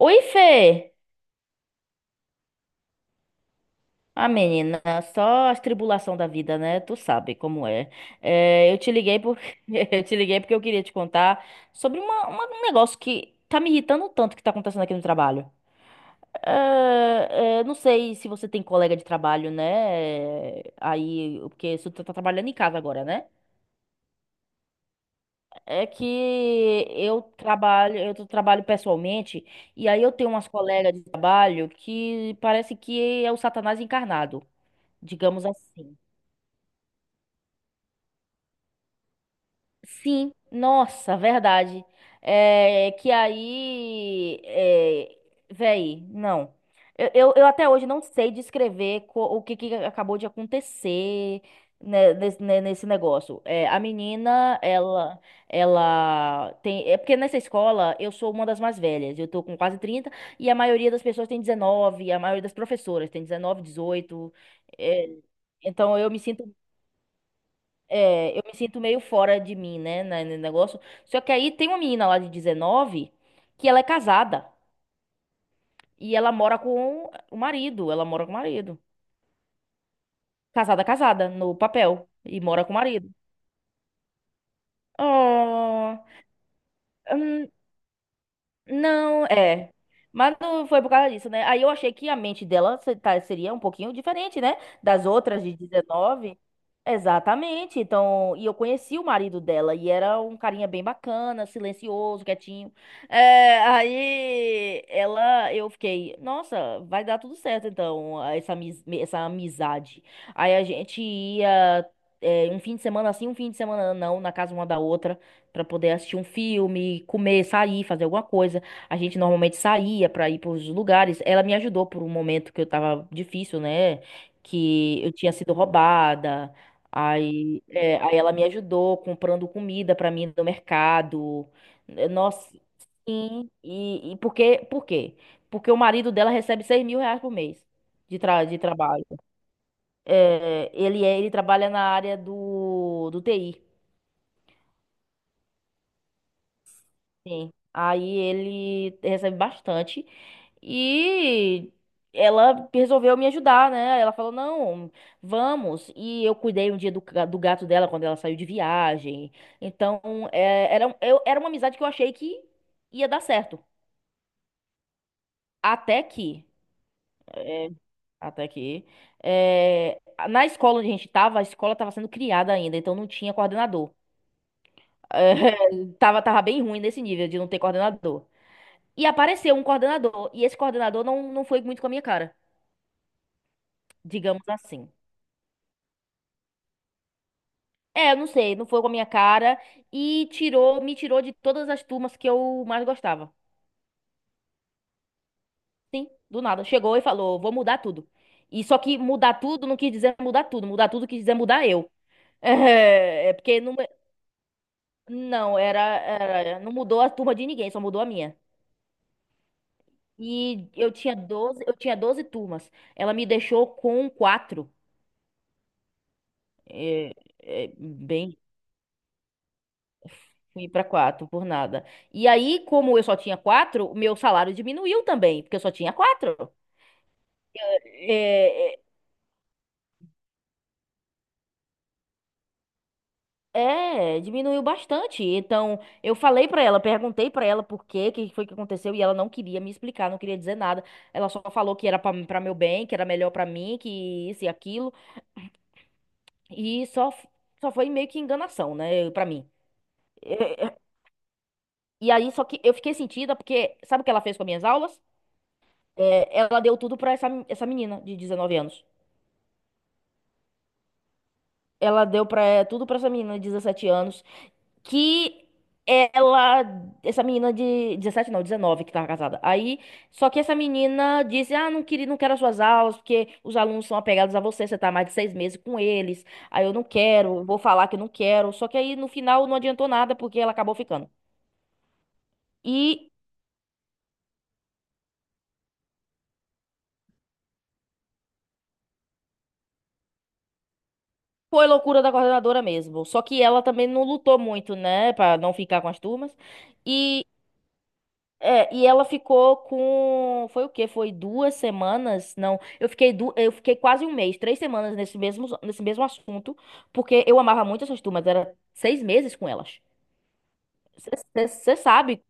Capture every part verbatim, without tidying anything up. Oi, Fê! Ah, menina, só as tribulação da vida, né? Tu sabe como é. É, eu te liguei porque eu te liguei porque eu queria te contar sobre uma- uma- um negócio que tá me irritando tanto que tá acontecendo aqui no trabalho. É, é, não sei se você tem colega de trabalho, né? É, Aí, porque você tá tá trabalhando em casa agora, né? É que eu trabalho, eu tô- trabalho pessoalmente, e aí eu tenho umas colegas de trabalho que parece que é o Satanás encarnado. Digamos assim. Sim, nossa, verdade. É que aí, é, véi, não. Eu, eu, eu até hoje não sei descrever co- o que, que acabou de acontecer né, nes- né, nesse, negócio. É, a menina, ela, ela tem. É porque nessa escola eu sou uma das mais velhas. Eu tô com quase trinta e a maioria das pessoas tem dezenove, a maioria das professoras tem dezenove, dezoito. É, então eu me sinto. É, eu me sinto meio fora de mim, né, na- no negócio. Só que aí tem uma menina lá de dezenove que ela é casada e ela mora com o marido, ela mora com o marido. Casada, casada, no papel e mora com o marido. Oh, não, é. Mas não foi por causa disso, né? Aí eu achei que a mente dela se- tá- seria um pouquinho diferente, né? Das outras de dezenove. Exatamente. Então, e eu conheci o marido dela e era um carinha bem bacana, silencioso, quietinho. É, aí ela, eu fiquei, nossa, vai dar tudo certo então, essa, amis- essa amizade. Aí a gente ia, é, um fim de semana assim, um fim de semana não, na casa uma da outra, pra poder assistir um filme, comer, sair, fazer alguma coisa. A gente normalmente saía pra ir pros lugares. Ela me ajudou por um momento que eu tava difícil, né? Que eu tinha sido roubada. Aí, é, aí ela me ajudou comprando comida pra mim no mercado. Eh, nossa, sim. E, e por quê? Por quê? Porque o marido dela recebe seis mil reais por mês de, tra de trabalho. É, ele, é, ele trabalha na área do, do T I. Sim. Aí ele recebe bastante. E ela resolveu me ajudar, né? Ela falou: não, vamos. E eu cuidei um dia do, ca- do gato dela quando ela saiu de viagem. Então, é, era, um- eu, era uma amizade que eu achei que ia dar certo. Até que. Até que. É, na escola onde a gente tava, a escola tava sendo criada ainda, então não tinha coordenador. É, tava, tava bem ruim nesse nível de não ter coordenador. E apareceu um coordenador. E esse coordenador não, não foi muito com a minha cara, digamos assim. É, eu não sei, não foi com a minha cara. E tirou, me tirou de todas as turmas que eu mais gostava. Sim, do nada. Chegou e falou: vou mudar tudo. E só que mudar tudo não quis dizer mudar tudo. Mudar tudo quis dizer mudar eu. É, é porque não, não era, era- não mudou a turma de ninguém, só mudou a minha. E eu tinha doze eu tinha doze turmas. Ela me deixou com quatro. É, é, bem. Fui para quatro por nada. E aí, como eu só tinha quatro, o meu salário diminuiu também, porque eu só tinha quatro. É, é, é, diminuiu bastante. Então, eu falei pra ela, perguntei pra ela por quê, que foi que aconteceu, e ela não queria me explicar, não queria dizer nada. Ela só falou que era pra pra meu bem, que era melhor pra mim, que isso e aquilo, e só f- só foi meio que enganação, né, pra mim. É, é, e aí, só que eu fiquei sentida porque sabe o que ela fez com as minhas aulas? É, ela deu tudo pra essa, essa menina de dezenove anos. Ela deu pra, eh, tudo pra essa menina de dezessete anos, que ela, essa menina de dezessete não, dezenove que tava casada. Aí, só que essa menina disse, ah, não queria, não quero as suas aulas, porque os alunos são apegados a você, você tá há mais de seis meses com eles, aí eu não quero, vou falar que não quero. Só que aí, no final, não adiantou nada, porque ela acabou ficando. E foi loucura da coordenadora mesmo. Só que ela também não lutou muito, né, pra não ficar com as turmas. E é, e ela ficou com, foi o quê? Foi duas semanas? Não, eu fiquei du... eu fiquei quase um mês, três semanas nesse mesmo nesse mesmo assunto, porque eu amava muito essas turmas, era seis meses com elas. Você sabe,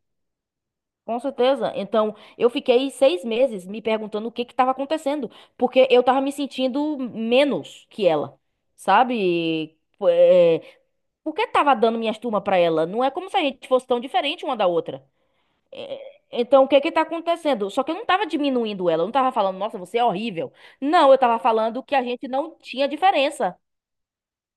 com certeza. Então, eu fiquei seis meses me perguntando o que que estava acontecendo, porque eu tava me sentindo menos que ela, sabe? É, por que tava dando minhas turmas pra ela? Não é como se a gente fosse tão diferente uma da outra. É, então, o que que tá acontecendo? Só que eu não tava diminuindo ela, eu não tava falando, nossa, você é horrível. Não, eu tava falando que a gente não tinha diferença.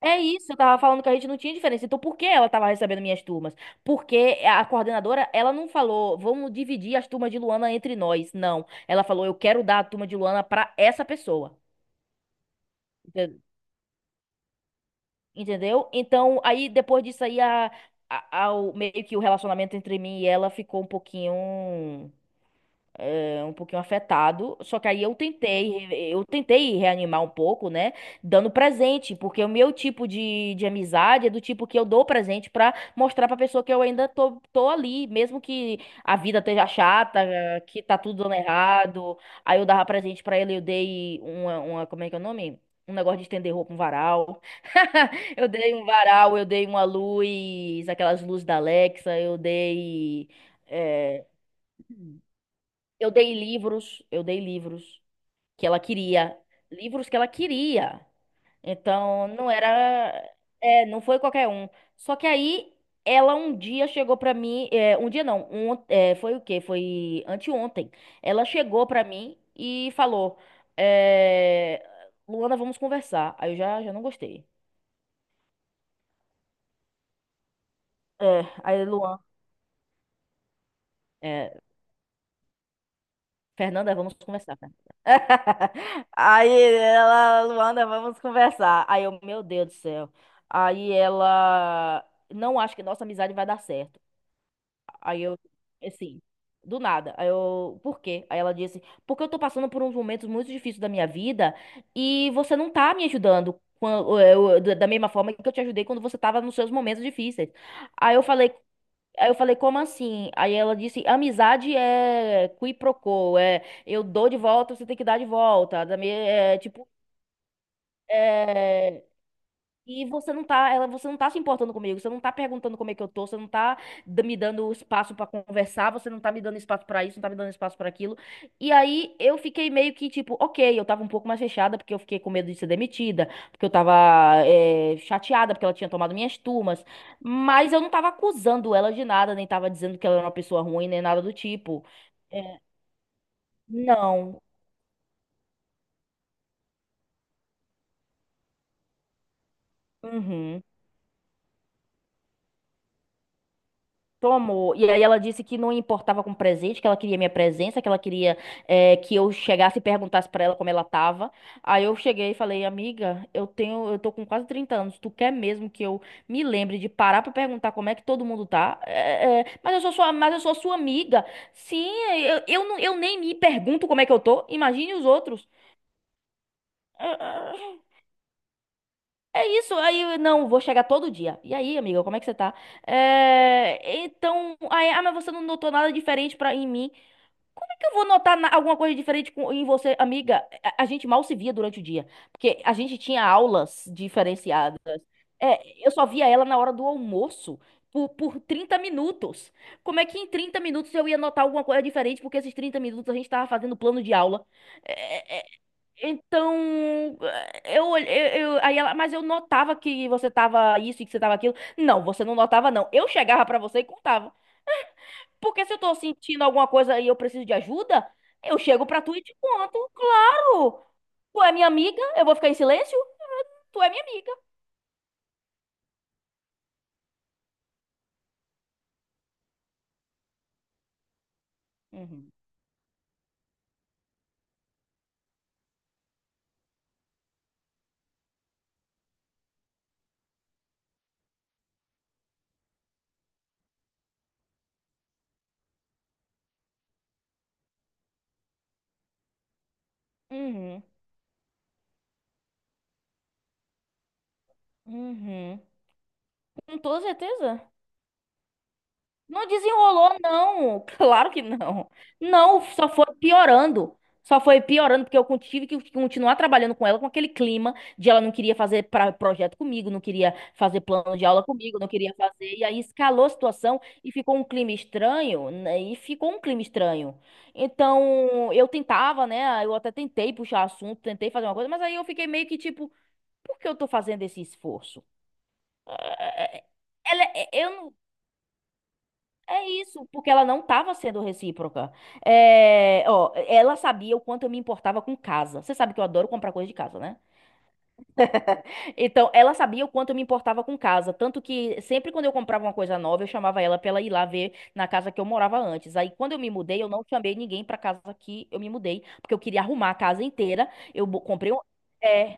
É isso, eu tava falando que a gente não tinha diferença. Então, por que ela tava recebendo minhas turmas? Porque a coordenadora, ela não falou, vamos dividir as turmas de Luana entre nós. Não. Ela falou, eu quero dar a turma de Luana pra essa pessoa. Ente- Entendeu? Então, aí depois disso aí, a, a- a- o- meio que o relacionamento entre mim e ela ficou um pouquinho. É um pouquinho afetado, só que aí eu tentei, eu tentei reanimar um pouco, né, dando presente, porque o meu tipo de, de amizade é do tipo que eu dou presente pra mostrar pra pessoa que eu ainda tô, tô ali, mesmo que a vida esteja chata, que tá tudo dando errado, aí eu dava presente pra ele, eu dei uma, uma, como é que é o nome? Um negócio de estender roupa, um varal. Eu dei um varal, eu dei uma luz, aquelas luzes da Alexa, eu dei. É, eu dei livros, eu dei livros que ela queria, livros que ela queria. Então, não era, é, não foi qualquer um. Só que aí ela um dia chegou pra mim, é, um dia não, um, é, foi o quê? Foi anteontem. Ela chegou pra mim e falou, é, Luana, vamos conversar. Aí eu já, já não gostei. É, aí Luan, é, Fernanda, vamos conversar. Fernanda. Aí ela, Luanda, vamos conversar. Aí eu, meu Deus do céu. Aí ela, não acho que nossa amizade vai dar certo. Aí eu, assim, do nada. Aí eu, por quê? Aí ela disse, porque eu tô passando por uns momentos muito difíceis da minha vida e você não tá me ajudando. quan- eu- eu- Da da mesma forma que eu te ajudei quando você tava nos seus momentos difíceis. Aí eu falei, Aí eu falei, como assim? Aí ela disse, amizade é qui pro quo, é eu dou de volta, você tem que dar de volta. Da me- É, tipo, é, e você não tá, ela, você não tá se importando comigo, você não tá perguntando como é que eu tô, você não tá da- me dando espaço pra conversar, você não tá me dando espaço pra isso, não tá me dando espaço pra aquilo. E aí eu fiquei meio que tipo, ok, eu tava um pouco mais fechada porque eu fiquei com medo de ser demitida, porque eu tava eh, chateada porque ela tinha tomado minhas turmas, mas eu não tava acusando ela de nada, nem tava dizendo que ela era uma pessoa ruim, nem nada do tipo. É, não. Uhum. Tomou. E aí ela disse que não importava com presente, que ela queria minha presença, que ela queria eh, que eu chegasse e perguntasse pra ela como ela tava. Aí eu cheguei e falei, amiga, eu tenho, eu tô com quase trinta anos, tu quer mesmo que eu me lembre de parar pra perguntar como é que todo mundo tá? É, é, é, mas eu sou sua, mas eu sou sua amiga. Sim, eu, eu, não- eu nem me pergunto como é que eu tô. Imagine os outros. É, é, é isso, aí não, vou chegar todo dia. E aí, amiga, como é que você tá? É, então, aí, ah, mas você não notou nada diferente pra, em mim. Como é que eu vou notar na- alguma coisa diferente com- em você, amiga? A, a gente mal se via durante o dia, porque a gente tinha aulas diferenciadas. É, eu só via ela na hora do almoço, por, por trinta minutos. Como é que em trinta minutos eu ia notar alguma coisa diferente? Porque esses trinta minutos a gente tava fazendo plano de aula. "É, então, eu, olhe- eu, eu- aí ela, mas eu notava que você tava isso e que você tava aquilo. Não, você não notava, não. Eu chegava pra você e contava. Porque se eu tô sentindo alguma coisa e eu preciso de ajuda, eu chego pra tu e te conto. Claro! Tu é minha amiga, eu vou ficar em silêncio? Tu é minha amiga. Uhum. Uhum. Uhum. Com toda certeza. Não desenrolou, não. Claro que não. Não, só foi piorando. Só foi piorando, porque eu con- tive que continuar trabalhando com ela com aquele clima de ela não queria fazer pra, projeto comigo, não queria fazer plano de aula comigo, não queria fazer. E aí escalou a situação e ficou um clima estranho, né? E ficou um clima estranho. Então, eu tentava, né? Eu até tentei puxar assunto, tentei fazer uma coisa, mas aí eu fiquei meio que tipo, por que eu tô fazendo esse esforço? É, é, Ela, é, eu, É isso, porque ela não estava sendo recíproca. É, ó, ela sabia o quanto eu me importava com casa. Você sabe que eu adoro comprar coisa de casa, né? Então, ela sabia o quanto eu me importava com casa. Tanto que sempre quando eu comprava uma coisa nova, eu chamava ela pra ela ir lá ver na casa que eu morava antes. Aí, quando eu me mudei, eu não chamei ninguém pra casa que eu me mudei, porque eu queria arrumar a casa inteira. Eu bo- comprei um. é,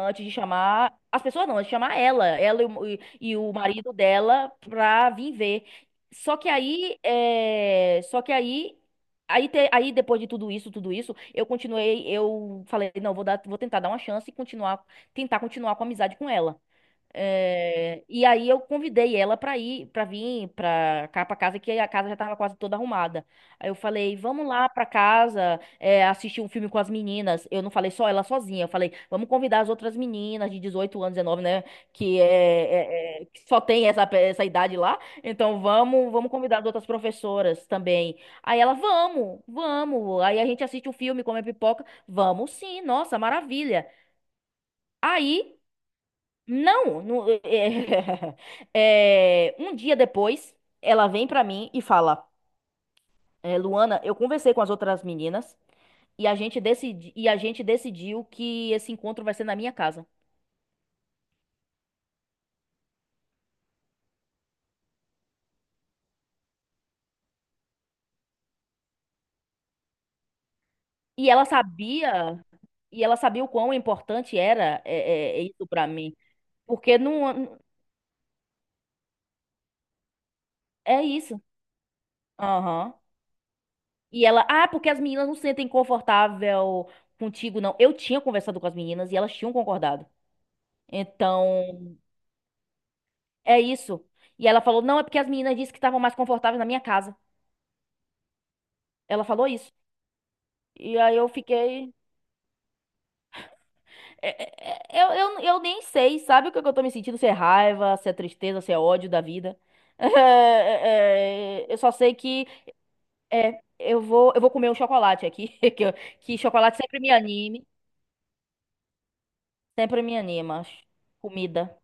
Antes de chamar. As pessoas não, antes de chamar ela. Ela e o, e- e o marido dela pra vir ver. Só que aí. É, só que aí. Aí, te- aí depois de tudo isso, tudo isso, eu continuei, eu falei, não, vou dar, vou tentar dar uma chance e continuar, tentar continuar com a amizade com ela. É, e aí eu convidei ela para ir, para vir para cá para casa, que a casa já estava quase toda arrumada. Aí eu falei, vamos lá para casa, é, assistir um filme com as meninas. Eu não falei só ela sozinha, eu falei, vamos convidar as outras meninas de dezoito anos, dezenove, né, que é, é- é- que só tem essa, pe- essa idade lá. Então vamos, vamos convidar as outras professoras também. Aí ela, vamos, vamos. Aí a gente assiste um filme, come pipoca. Vamos sim, nossa, maravilha. Aí não, não- é, um dia depois, ela vem pra mim e fala: "É, Luana, eu conversei com as outras meninas e a gente decidi, e a gente decidiu que esse encontro vai ser na minha casa. E ela sabia, e ela sabia o quão importante era é, é, é isso pra mim, porque não é isso. Aham. E ela, ah, porque as meninas não se sentem confortável contigo, não. Eu tinha conversado com as meninas e elas tinham concordado. Então É isso. E ela falou, não, é porque as meninas disseram que estavam mais confortáveis na minha casa. Ela falou isso. E aí eu fiquei. é, é, é, Eu, eu, eu nem sei, sabe o que que eu tô me sentindo? Se é raiva, se é tristeza, se é ódio da vida. É, é, eu só sei que é, eu vou, eu vou comer um chocolate aqui. Que, eu- que chocolate sempre me anime. Sempre me anima. Comida.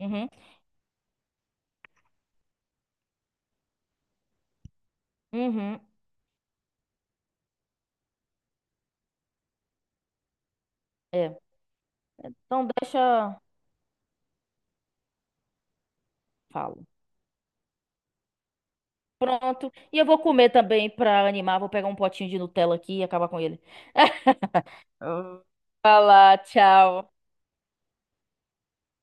Uhum. Uhum. É. Então deixa. Falo. Pronto. E eu vou comer também pra animar. Vou pegar um potinho de Nutella aqui e acabar com ele. Vai tchau.